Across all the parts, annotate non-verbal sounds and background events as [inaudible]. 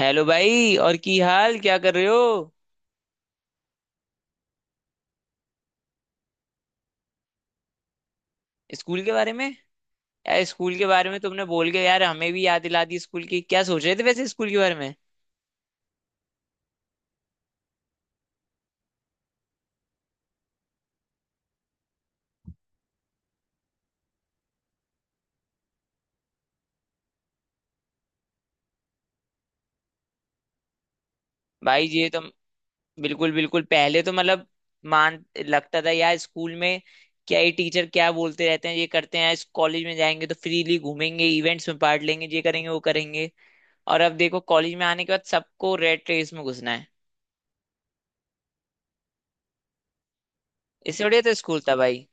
Hello भाई। और की हाल क्या कर रहे हो। स्कूल के बारे में। यार स्कूल के बारे में तुमने बोल के यार हमें भी याद दिला दी स्कूल की। क्या सोच रहे थे वैसे स्कूल के बारे में। भाई ये तो। बिल्कुल बिल्कुल। पहले तो मतलब मान लगता था यार स्कूल में क्या ये टीचर क्या बोलते रहते हैं ये करते हैं। इस कॉलेज में जाएंगे तो फ्रीली घूमेंगे, इवेंट्स में पार्ट लेंगे, ये करेंगे, वो करेंगे। और अब देखो कॉलेज में आने के बाद सबको रेट रेस में घुसना है। इससे बढ़िया तो स्कूल था भाई।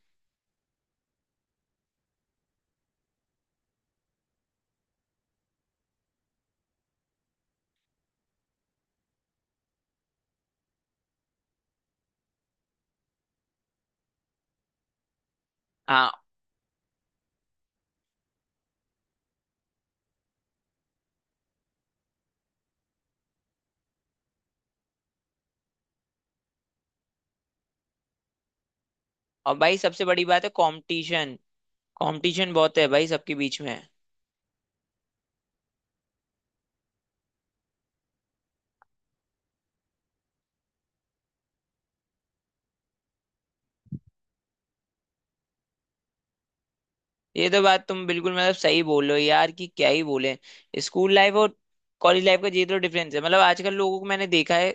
हाँ। और भाई सबसे बड़ी बात है कंपटीशन। कंपटीशन बहुत है भाई सबके बीच में। ये तो बात तुम बिल्कुल मतलब सही बोल रहे हो यार, कि क्या ही बोले। स्कूल लाइफ और कॉलेज लाइफ का ये तो डिफरेंस है। मतलब आजकल लोगों को मैंने देखा है।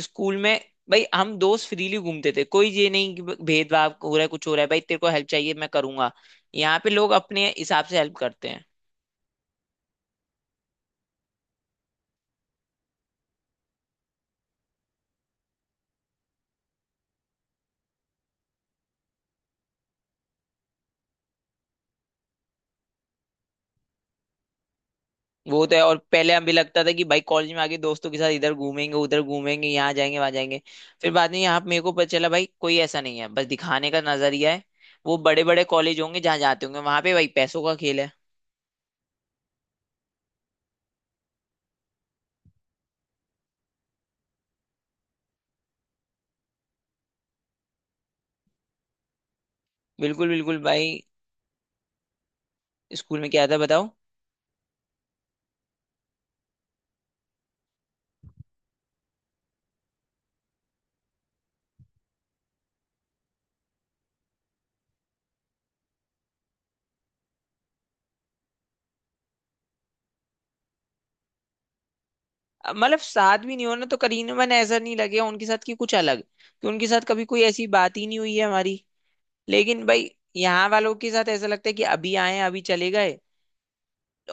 स्कूल में भाई हम दोस्त फ्रीली घूमते थे, कोई ये नहीं कि भेदभाव हो रहा है कुछ हो रहा है। भाई तेरे को हेल्प चाहिए मैं करूंगा। यहाँ पे लोग अपने हिसाब से हेल्प करते हैं। वो तो है। और पहले हमें लगता था कि भाई कॉलेज में आके दोस्तों के साथ इधर घूमेंगे उधर घूमेंगे यहाँ जाएंगे वहां जाएंगे। फिर बाद में यहाँ मेरे को पता चला भाई कोई ऐसा नहीं है, बस दिखाने का नजरिया है। वो बड़े बड़े कॉलेज होंगे जहाँ जाते होंगे वहां पे भाई पैसों का खेल है। बिल्कुल बिल्कुल भाई। स्कूल में क्या था बताओ। अब मतलब साथ भी नहीं हो ना तो करीना मैंने ऐसा नहीं लगे उनके साथ कि कुछ अलग, कि उनके साथ कभी कोई ऐसी बात ही नहीं हुई है हमारी। लेकिन भाई, यहाँ वालों के साथ ऐसा लगता है कि अभी आए हैं, अभी चले गए।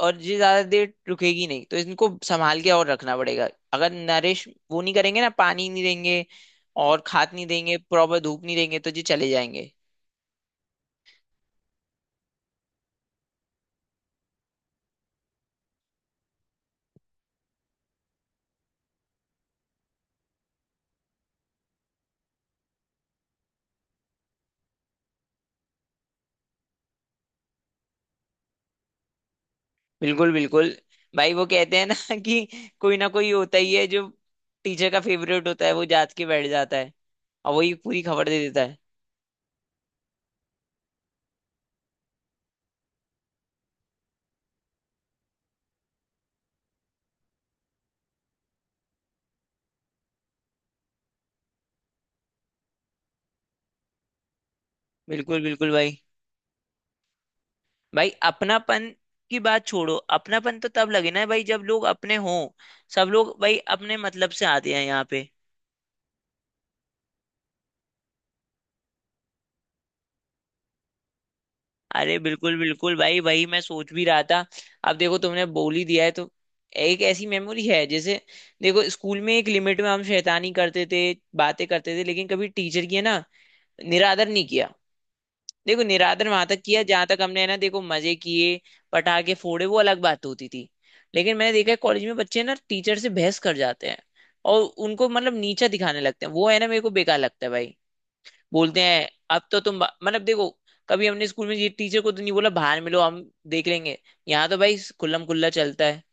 और ये ज्यादा देर रुकेगी नहीं तो इनको संभाल के और रखना पड़ेगा। अगर नरिश वो नहीं करेंगे, ना पानी नहीं देंगे और खाद नहीं देंगे, प्रॉपर धूप नहीं देंगे, तो ये चले जाएंगे। बिल्कुल बिल्कुल भाई। वो कहते हैं ना [laughs] कि कोई ना कोई होता ही है जो टीचर का फेवरेट होता है, वो जात के बैठ जाता है और वही पूरी खबर दे देता है। बिल्कुल बिल्कुल भाई। भाई अपनापन की बात छोड़ो, अपनापन तो तब लगे ना भाई जब लोग अपने हों। सब लोग भाई अपने मतलब से आते हैं यहाँ पे। अरे बिल्कुल बिल्कुल भाई, वही मैं सोच भी रहा था। अब देखो तुमने बोल ही दिया है तो एक ऐसी मेमोरी है। जैसे देखो स्कूल में एक लिमिट में हम शैतानी करते थे, बातें करते थे, लेकिन कभी टीचर की है ना निरादर नहीं किया। देखो निरादर वहां तक किया जहां तक हमने है ना, देखो मजे किए, पटाखे फोड़े, वो अलग बात होती थी। लेकिन मैंने देखा है कॉलेज में बच्चे ना टीचर से बहस कर जाते हैं और उनको मतलब नीचा दिखाने लगते हैं। वो है ना, मेरे को बेकार लगता है भाई। बोलते हैं अब तो तुम मतलब देखो, कभी हमने स्कूल में ये टीचर को तो नहीं बोला बाहर मिलो हम देख लेंगे। यहाँ तो भाई खुल्लम खुल्ला चलता है।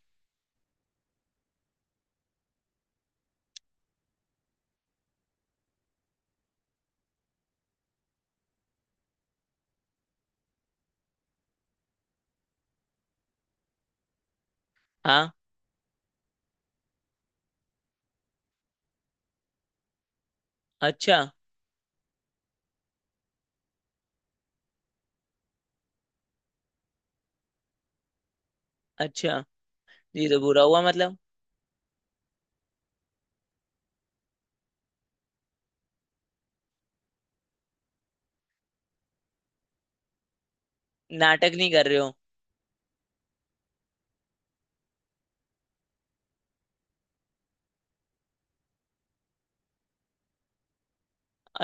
हाँ। अच्छा। अच्छा। ये तो बुरा हुआ मतलब। नाटक नहीं कर रहे हो।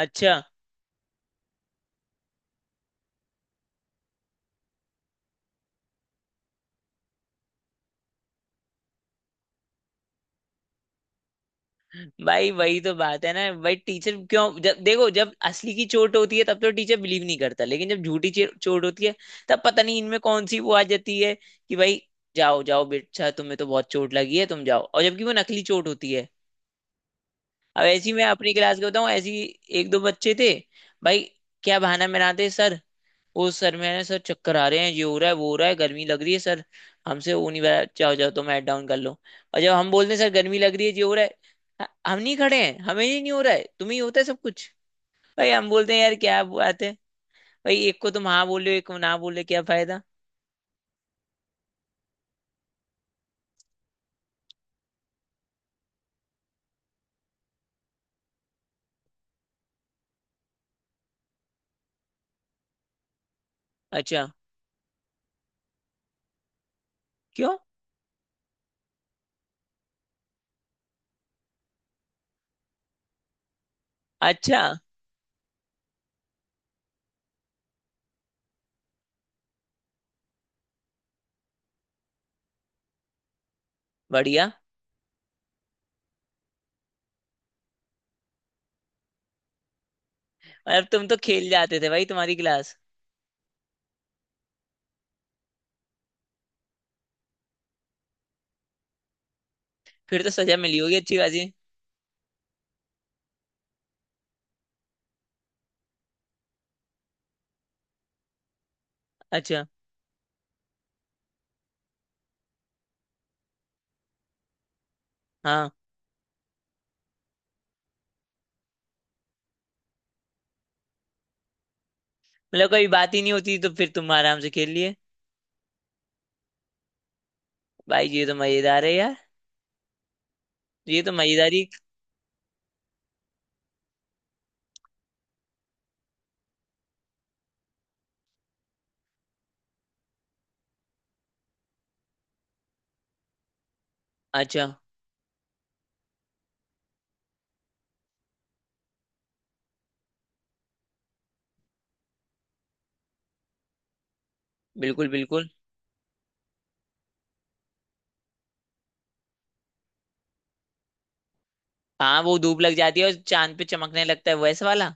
अच्छा। भाई वही तो बात है ना भाई, टीचर क्यों जब देखो जब असली की चोट होती है तब तो टीचर बिलीव नहीं करता, लेकिन जब झूठी चोट होती है तब पता नहीं इनमें कौन सी वो आ जाती है कि भाई जाओ जाओ बेटा तुम्हें तो बहुत चोट लगी है तुम जाओ। और जबकि वो नकली चोट होती है। अब ऐसी मैं अपनी क्लास के बताऊं। ऐसी एक दो बच्चे थे भाई, क्या बहाना बनाते। सर वो सर मैंने सर चक्कर आ रहे हैं, ये हो रहा है, वो हो रहा है, गर्मी लग रही है सर, हमसे वो नहीं बता। जाओ जाओ तो हेड डाउन कर लो। और जब हम बोलते हैं सर गर्मी लग रही है, ये हो रहा है, हम नहीं खड़े हैं, हमें ही नहीं हो रहा है, तुम्हें ही होता है सब कुछ। भाई हम बोलते हैं यार क्या बात है भाई, एक को तुम हाँ बोले, एक को ना बोले, क्या फायदा। अच्छा। क्यों। अच्छा। बढ़िया। अब तुम तो खेल जाते थे भाई तुम्हारी क्लास। फिर तो सजा मिली होगी अच्छी खासी। अच्छा। हाँ। मतलब कोई बात ही नहीं होती तो फिर तुम आराम से खेल लिए। भाई ये तो मजेदार है यार। ये तो मजेदारी। अच्छा। बिल्कुल बिल्कुल। हाँ, वो धूप लग जाती है और चांद पे चमकने लगता है वैसा वाला।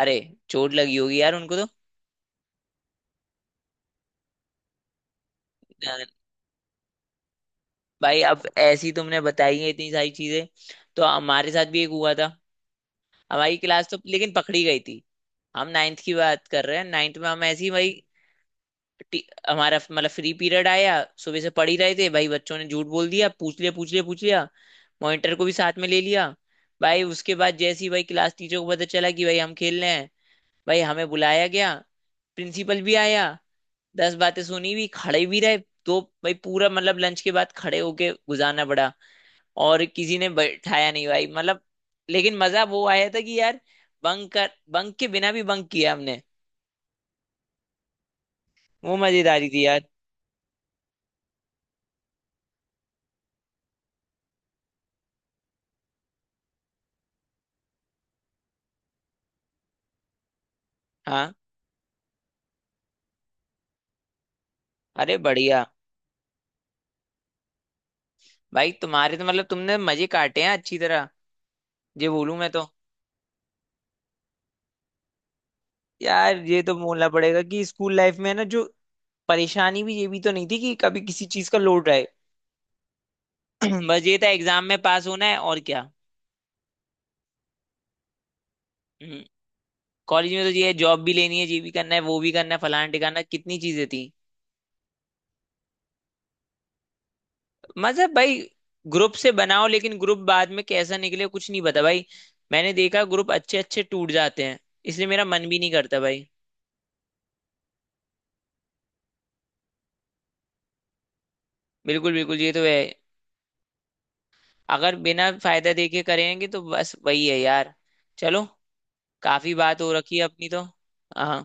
अरे, चोट लगी होगी यार उनको तो। अ, भाई अब ऐसी तुमने बताई है इतनी सारी चीजें तो हमारे साथ भी एक हुआ था। हमारी क्लास तो लेकिन पकड़ी गई थी। हम नाइन्थ की बात कर रहे हैं, नाइन्थ में हम ऐसी भाई टी- हमारा मतलब फ्री पीरियड आया। सुबह से पढ़ ही रहे थे भाई, बच्चों ने झूठ बोल दिया, पूछ लिया पूछ लिया पूछ लिया, मॉनिटर को भी साथ में ले लिया। भाई उसके बाद जैसी भाई क्लास टीचर को पता चला कि भाई हम खेल रहे हैं। भाई हमें बुलाया गया, प्रिंसिपल भी आया, दस बातें सुनी, भी खड़े भी रहे। तो भाई पूरा मतलब लंच के बाद खड़े होके गुजारना पड़ा और किसी ने बैठाया नहीं भाई मतलब। लेकिन मजा वो आया था कि यार बंक के बिना भी बंक किया हमने, वो मजेदारी थी यार। हाँ। अरे बढ़िया। भाई तुम्हारे तो मतलब तुमने मजे काटे हैं अच्छी तरह, ये बोलूं मैं तो। यार ये तो बोलना पड़ेगा कि स्कूल लाइफ में ना जो परेशानी भी ये भी तो नहीं थी कि कभी किसी चीज का लोड रहे। [clears throat] बस ये था एग्जाम में पास होना है और क्या। हम्म, कॉलेज में तो ये है जॉब भी लेनी है, ये भी करना है, वो भी करना है, फलाना टिकाना कितनी चीजें थी। मतलब भाई ग्रुप से बनाओ लेकिन ग्रुप बाद में कैसा निकले कुछ नहीं पता भाई। मैंने देखा ग्रुप अच्छे अच्छे टूट जाते हैं। इसलिए मेरा मन भी नहीं करता भाई। बिल्कुल बिल्कुल ये तो है। अगर बिना फायदा देखे करेंगे तो बस वही है यार। चलो, काफी बात हो रखी है अपनी तो। हाँ।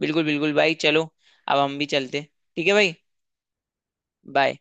बिल्कुल बिल्कुल भाई चलो, अब हम भी चलते। ठीक है भाई। बाय।